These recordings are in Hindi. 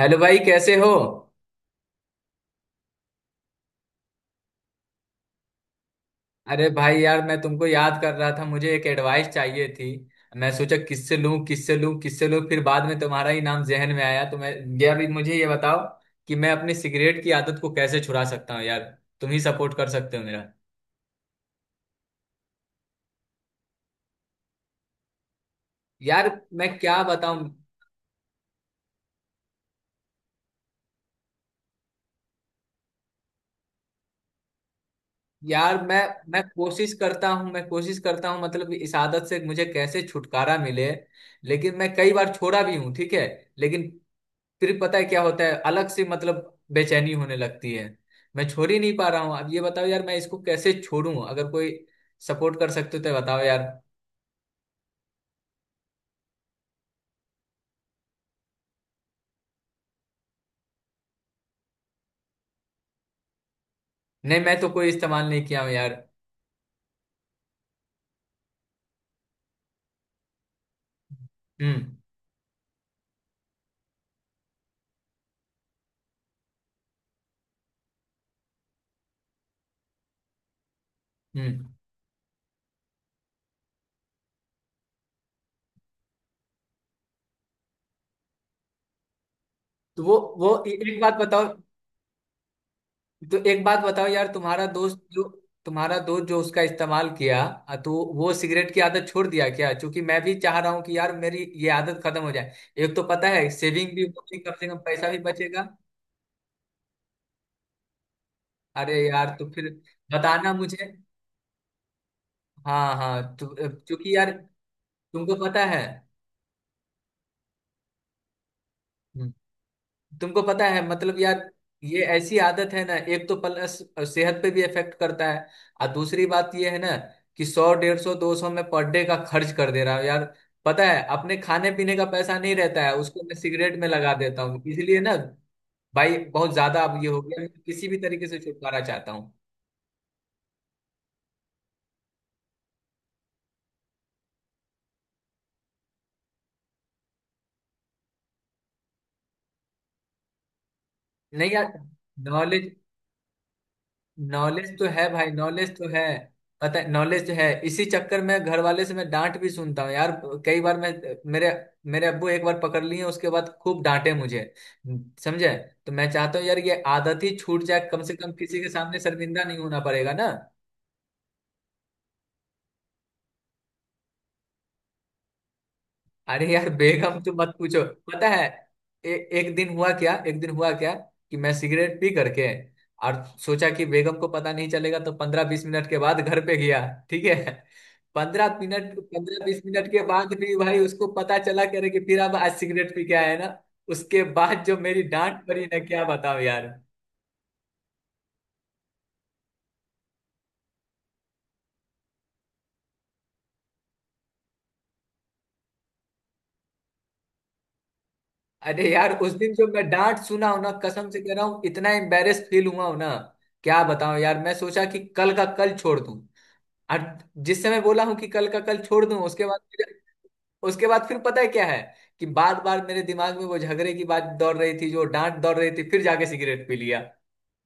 हेलो भाई, कैसे हो। अरे भाई यार, मैं तुमको याद कर रहा था। मुझे एक एडवाइस चाहिए थी। मैं सोचा किससे लूं, किससे लूं, किससे लूं, फिर बाद में तुम्हारा ही नाम जहन में आया तो मैं ये, अभी मुझे ये बताओ कि मैं अपनी सिगरेट की आदत को कैसे छुड़ा सकता हूँ यार। तुम ही सपोर्ट कर सकते हो मेरा। यार, मैं क्या बताऊं। यार मैं कोशिश करता हूं, मैं कोशिश करता हूं, मतलब इस आदत से मुझे कैसे छुटकारा मिले। लेकिन मैं कई बार छोड़ा भी हूं, ठीक है। लेकिन फिर पता है क्या होता है, अलग से मतलब बेचैनी होने लगती है। मैं छोड़ ही नहीं पा रहा हूँ। अब ये बताओ यार, मैं इसको कैसे छोड़ूं। अगर कोई सपोर्ट कर सकते हो तो बताओ यार। नहीं, मैं तो कोई इस्तेमाल नहीं किया हूँ यार। हम्म। हम्म। तो वो एक बात बताओ। तो एक बात बताओ यार, तुम्हारा दोस्त जो, तुम्हारा दोस्त जो उसका इस्तेमाल किया तो वो सिगरेट की आदत छोड़ दिया क्या? क्योंकि मैं भी चाह रहा हूँ कि यार मेरी ये आदत खत्म हो जाए। एक तो पता है, सेविंग भी होगी, कम से कम पैसा भी बचेगा। अरे यार, तो फिर बताना मुझे। हाँ हाँ, तो क्योंकि यार तुमको पता है। हम्म, तुमको पता है मतलब यार, ये ऐसी आदत है ना, एक तो प्लस सेहत पे भी इफेक्ट करता है। और दूसरी बात ये है ना कि सौ, डेढ़ सौ, दो सौ में पर डे का खर्च कर दे रहा हूँ यार। पता है, अपने खाने पीने का पैसा नहीं रहता है, उसको मैं सिगरेट में लगा देता हूँ, इसलिए ना। भाई बहुत ज्यादा अब ये हो गया, मैं किसी भी तरीके से छुटकारा चाहता हूँ। नहीं यार, नॉलेज, नॉलेज तो है भाई, नॉलेज तो है। पता है, नॉलेज तो है। इसी चक्कर में घर वाले से मैं डांट भी सुनता हूँ यार। कई बार मैं, मेरे मेरे अब्बू एक बार पकड़ लिए, उसके बाद खूब डांटे मुझे, समझे। तो मैं चाहता हूँ यार, ये आदत ही छूट जाए, कम से कम किसी के सामने शर्मिंदा नहीं होना पड़ेगा ना। अरे यार, बेगम तुम मत पूछो। पता है, एक दिन हुआ क्या, एक दिन हुआ क्या कि मैं सिगरेट पी करके, और सोचा कि बेगम को पता नहीं चलेगा, तो पंद्रह बीस मिनट के बाद घर पे गया, ठीक है। पंद्रह मिनट, पंद्रह बीस मिनट के बाद भी भाई उसको पता चला करे कि फिर अब आज सिगरेट पी के आया है ना। उसके बाद जो मेरी डांट पड़ी ना, क्या बताओ यार। अरे यार, उस दिन जो मैं डांट सुना हूं ना, कसम से कह रहा हूँ, इतना एम्बेरेस फील हुआ हूं ना। क्या बताऊं यार, मैं सोचा कि कल का कल छोड़ दूं। और जिस समय बोला हूँ कि कल का कल छोड़ दूं, उसके बाद फिर, उसके बाद फिर पता है क्या है, कि बार बार मेरे दिमाग में वो झगड़े की बात दौड़ रही थी, जो डांट दौड़ रही थी, फिर जाके सिगरेट पी लिया।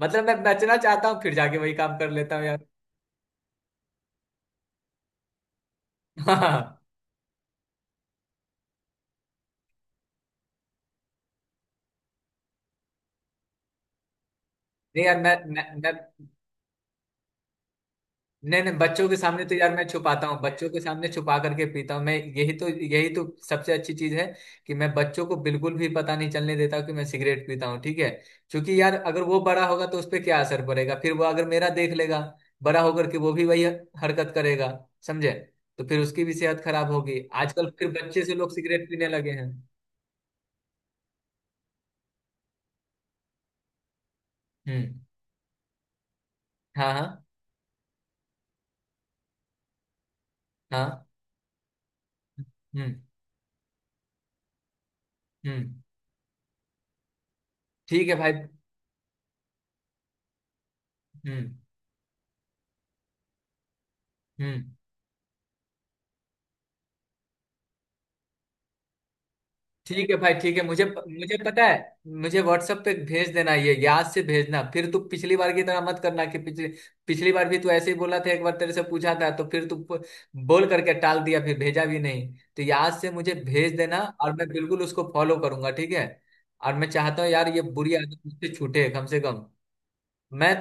मतलब मैं बचना चाहता हूँ, फिर जाके वही काम कर लेता हूँ यार। हाँ। नहीं यार, मैं नहीं नहीं, बच्चों के सामने तो यार मैं छुपाता हूँ। बच्चों के सामने छुपा करके पीता हूँ मैं। यही तो, यही तो सबसे अच्छी चीज है कि मैं बच्चों को बिल्कुल भी पता नहीं चलने देता कि मैं सिगरेट पीता हूँ, ठीक है। क्योंकि यार अगर वो बड़ा होगा तो उस पर क्या असर पड़ेगा। फिर वो अगर मेरा देख लेगा, बड़ा होकर के वो भी वही हरकत करेगा, समझे। तो फिर उसकी भी सेहत खराब होगी। आजकल फिर बच्चे से लोग सिगरेट पीने लगे हैं। हम्म। हाँ हाँ। हाँ। हम्म। हम्म। ठीक है भाई। हम्म। हम्म। ठीक है भाई, ठीक है। मुझे मुझे पता है। मुझे व्हाट्सएप पे भेज देना, ये याद से भेजना। फिर तू पिछली बार की तरह मत करना कि पिछली पिछली बार भी तू ऐसे ही बोला था। एक बार तेरे से पूछा था, तो फिर तू बोल करके टाल दिया, फिर भेजा भी नहीं। तो याद से मुझे भेज देना, और मैं बिल्कुल उसको फॉलो करूंगा, ठीक है। और मैं चाहता हूँ यार, ये बुरी आदत मुझसे छूटे कम से कम। मैं,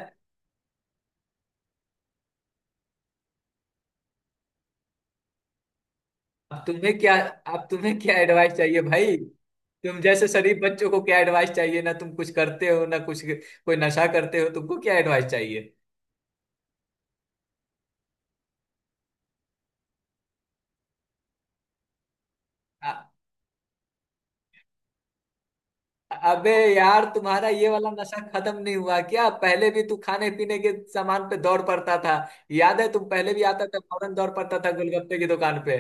अब तुम्हें क्या, अब तुम्हें क्या एडवाइस चाहिए भाई। तुम जैसे शरीफ बच्चों को क्या एडवाइस चाहिए ना। तुम कुछ करते हो ना, कुछ कोई नशा करते हो, तुमको क्या एडवाइस चाहिए। अ- अबे यार, तुम्हारा ये वाला नशा खत्म नहीं हुआ क्या? पहले भी तू खाने पीने के सामान पे दौड़ पड़ता था। याद है, तुम पहले भी आता था फौरन दौड़ पड़ता था गोलगप्पे की दुकान पे।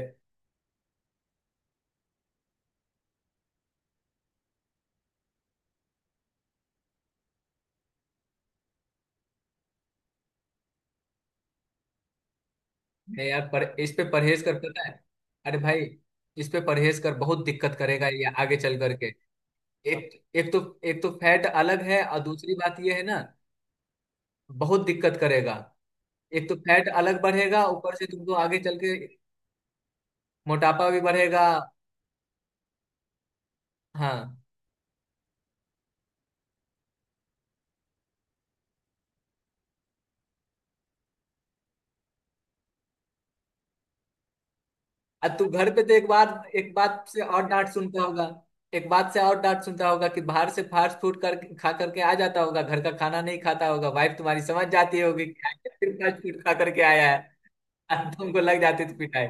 नहीं यार, पर इस पे परहेज कर, पता है। अरे भाई, इस पे परहेज कर, बहुत दिक्कत करेगा ये आगे चल करके। एक एक तो, एक तो फैट अलग है, और दूसरी बात ये है ना, बहुत दिक्कत करेगा। एक तो फैट अलग बढ़ेगा, ऊपर से तुमको आगे चल के मोटापा भी बढ़ेगा। हाँ। अब तू घर पे तो एक बार, एक बात से और डांट सुनता होगा, एक बात से और डांट सुनता होगा कि बाहर से फास्ट फूड कर, खा करके आ जाता होगा, घर का खाना नहीं खाता होगा। वाइफ तुम्हारी समझ जाती होगी कि आज फिर फास्ट फूड खा करके आया है। अब तुमको लग जाती थी पिटाई।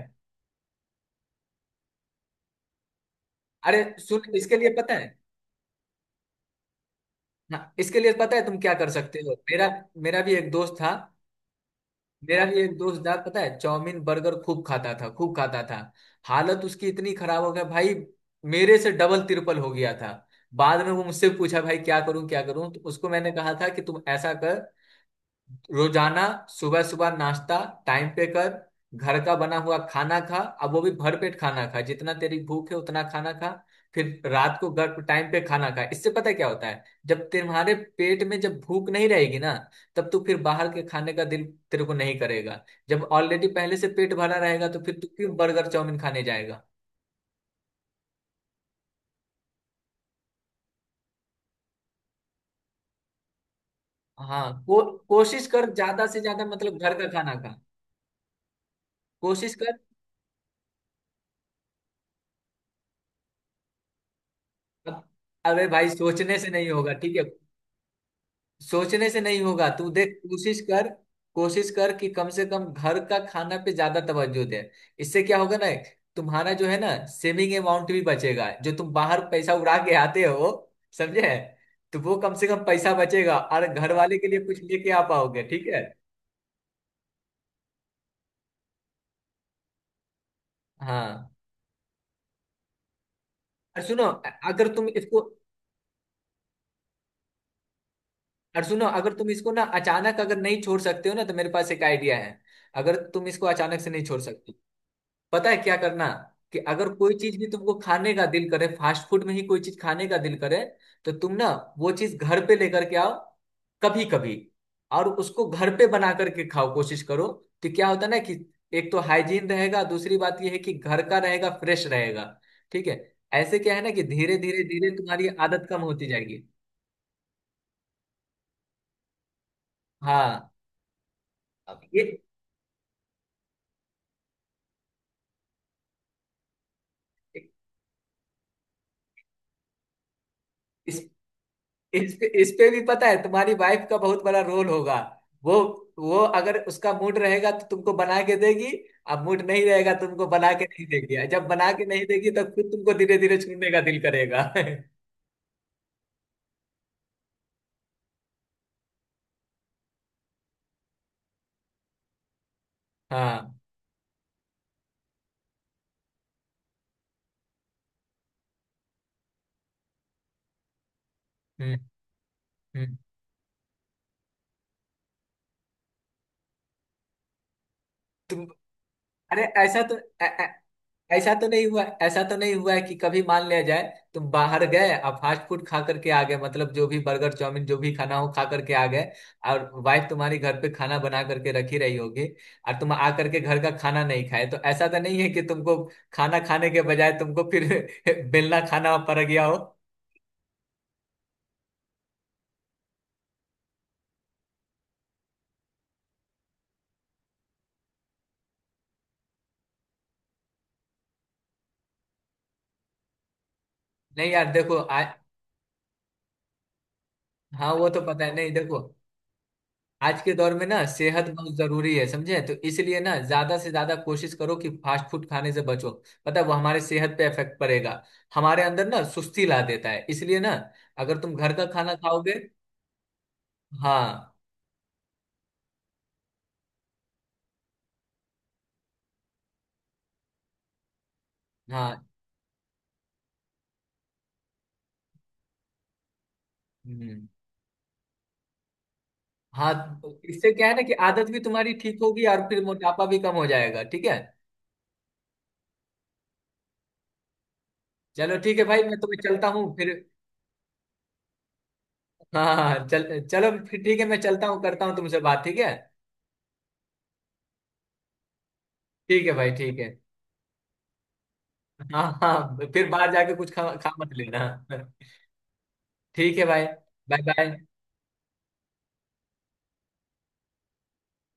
अरे सुन, इसके लिए पता है, हाँ इसके लिए पता है तुम क्या कर सकते हो। मेरा, मेरा भी एक दोस्त था, मेरा भी एक दोस्त यार, पता है, चाउमीन बर्गर खूब खाता था, खूब खाता था। हालत उसकी इतनी खराब हो गया भाई, मेरे से डबल तिरपल हो गया था। बाद में वो मुझसे पूछा भाई, क्या करूं क्या करूं। तो उसको मैंने कहा था कि तुम ऐसा कर, रोजाना सुबह सुबह नाश्ता टाइम पे कर, घर का बना हुआ खाना खा। अब वो भी भर पेट खाना खा, जितना तेरी भूख है उतना खाना खा। फिर रात को घर टाइम पे खाना खा। इससे पता है क्या होता है, जब तुम्हारे पेट में जब भूख नहीं रहेगी ना, तब तू फिर बाहर के खाने का दिल, तेरे को नहीं करेगा। जब ऑलरेडी पहले से पेट भरा रहेगा तो फिर तू क्यों बर्गर चाउमीन खाने जाएगा। हाँ, कोशिश कर, ज्यादा से ज्यादा मतलब घर का खाना खा, कोशिश कर। अब- अबे भाई, सोचने से नहीं होगा, ठीक है। सोचने से नहीं होगा, तू देख कोशिश कर। कोशिश कर कि कम से कम घर का खाना पे ज्यादा तवज्जो दे। इससे क्या होगा ना, तुम्हारा जो है ना सेविंग अमाउंट भी बचेगा, जो तुम बाहर पैसा उड़ा के आते हो, समझे। तो वो कम से कम पैसा बचेगा, और घर वाले के लिए कुछ लेके आ पाओगे, ठीक है। हाँ। और सुनो, अगर तुम इसको, और सुनो, अगर तुम इसको ना अचानक अगर नहीं छोड़ सकते हो ना, तो मेरे पास एक आइडिया है। अगर तुम इसको अचानक से नहीं छोड़ सकते, पता है क्या करना, कि अगर कोई चीज भी तुमको खाने का दिल करे, फास्ट फूड में ही कोई चीज खाने का दिल करे, तो तुम ना वो चीज घर पे लेकर के आओ कभी कभी, और उसको घर पे बना करके खाओ, कोशिश करो। तो क्या होता है ना कि एक तो हाइजीन रहेगा, दूसरी बात यह है कि घर का रहेगा, फ्रेश रहेगा, ठीक है। ऐसे क्या है ना, कि धीरे धीरे धीरे तुम्हारी आदत कम होती जाएगी। हाँ। अब ये, इस पे भी पता है तुम्हारी वाइफ का बहुत बड़ा रोल होगा। वो वो अगर उसका मूड रहेगा तो तुमको बना के देगी। अब मूड नहीं रहेगा तो तुमको बना के नहीं देगी, और जब बना के नहीं देगी तो खुद तुमको धीरे धीरे छूने का दिल करेगा। हाँ। हम्म। हम्म। तुम, अरे ऐसा तो, ऐसा तो नहीं हुआ, ऐसा तो नहीं हुआ है कि कभी मान लिया जाए, तुम बाहर गए, अब फास्ट फूड खा करके आ गए, मतलब जो भी बर्गर चाउमीन जो भी खाना हो खा करके आ गए, और वाइफ तुम्हारी घर पे खाना बना करके रखी रही होगी, और तुम आ करके घर का खाना नहीं खाए, तो ऐसा तो नहीं है कि तुमको खाना खाने के बजाय तुमको फिर बेलना खाना पड़ गया हो। नहीं यार, देखो, हाँ वो तो पता है, नहीं देखो, आज के दौर में ना सेहत बहुत जरूरी है, समझे। तो इसलिए ना ज्यादा से ज्यादा कोशिश करो कि फास्ट फूड खाने से बचो। पता है वो हमारे सेहत पे इफेक्ट पड़ेगा, हमारे अंदर ना सुस्ती ला देता है, इसलिए ना अगर तुम घर का खाना खाओगे। हाँ। हाँ। हम्म, हाँ तो इससे क्या है ना कि आदत भी तुम्हारी ठीक होगी, और फिर मोटापा भी कम हो जाएगा, ठीक है। चलो ठीक है भाई, मैं तुम्हें चलता हूँ फिर। हाँ हाँ हाँ, चल। चलो फिर ठीक है, मैं चलता हूँ, करता हूँ तुमसे बात, ठीक है। ठीक है भाई, ठीक है। हाँ हाँ, फिर बाहर जाके कुछ खा खा मत लेना। ठीक है भाई, बाय बाय।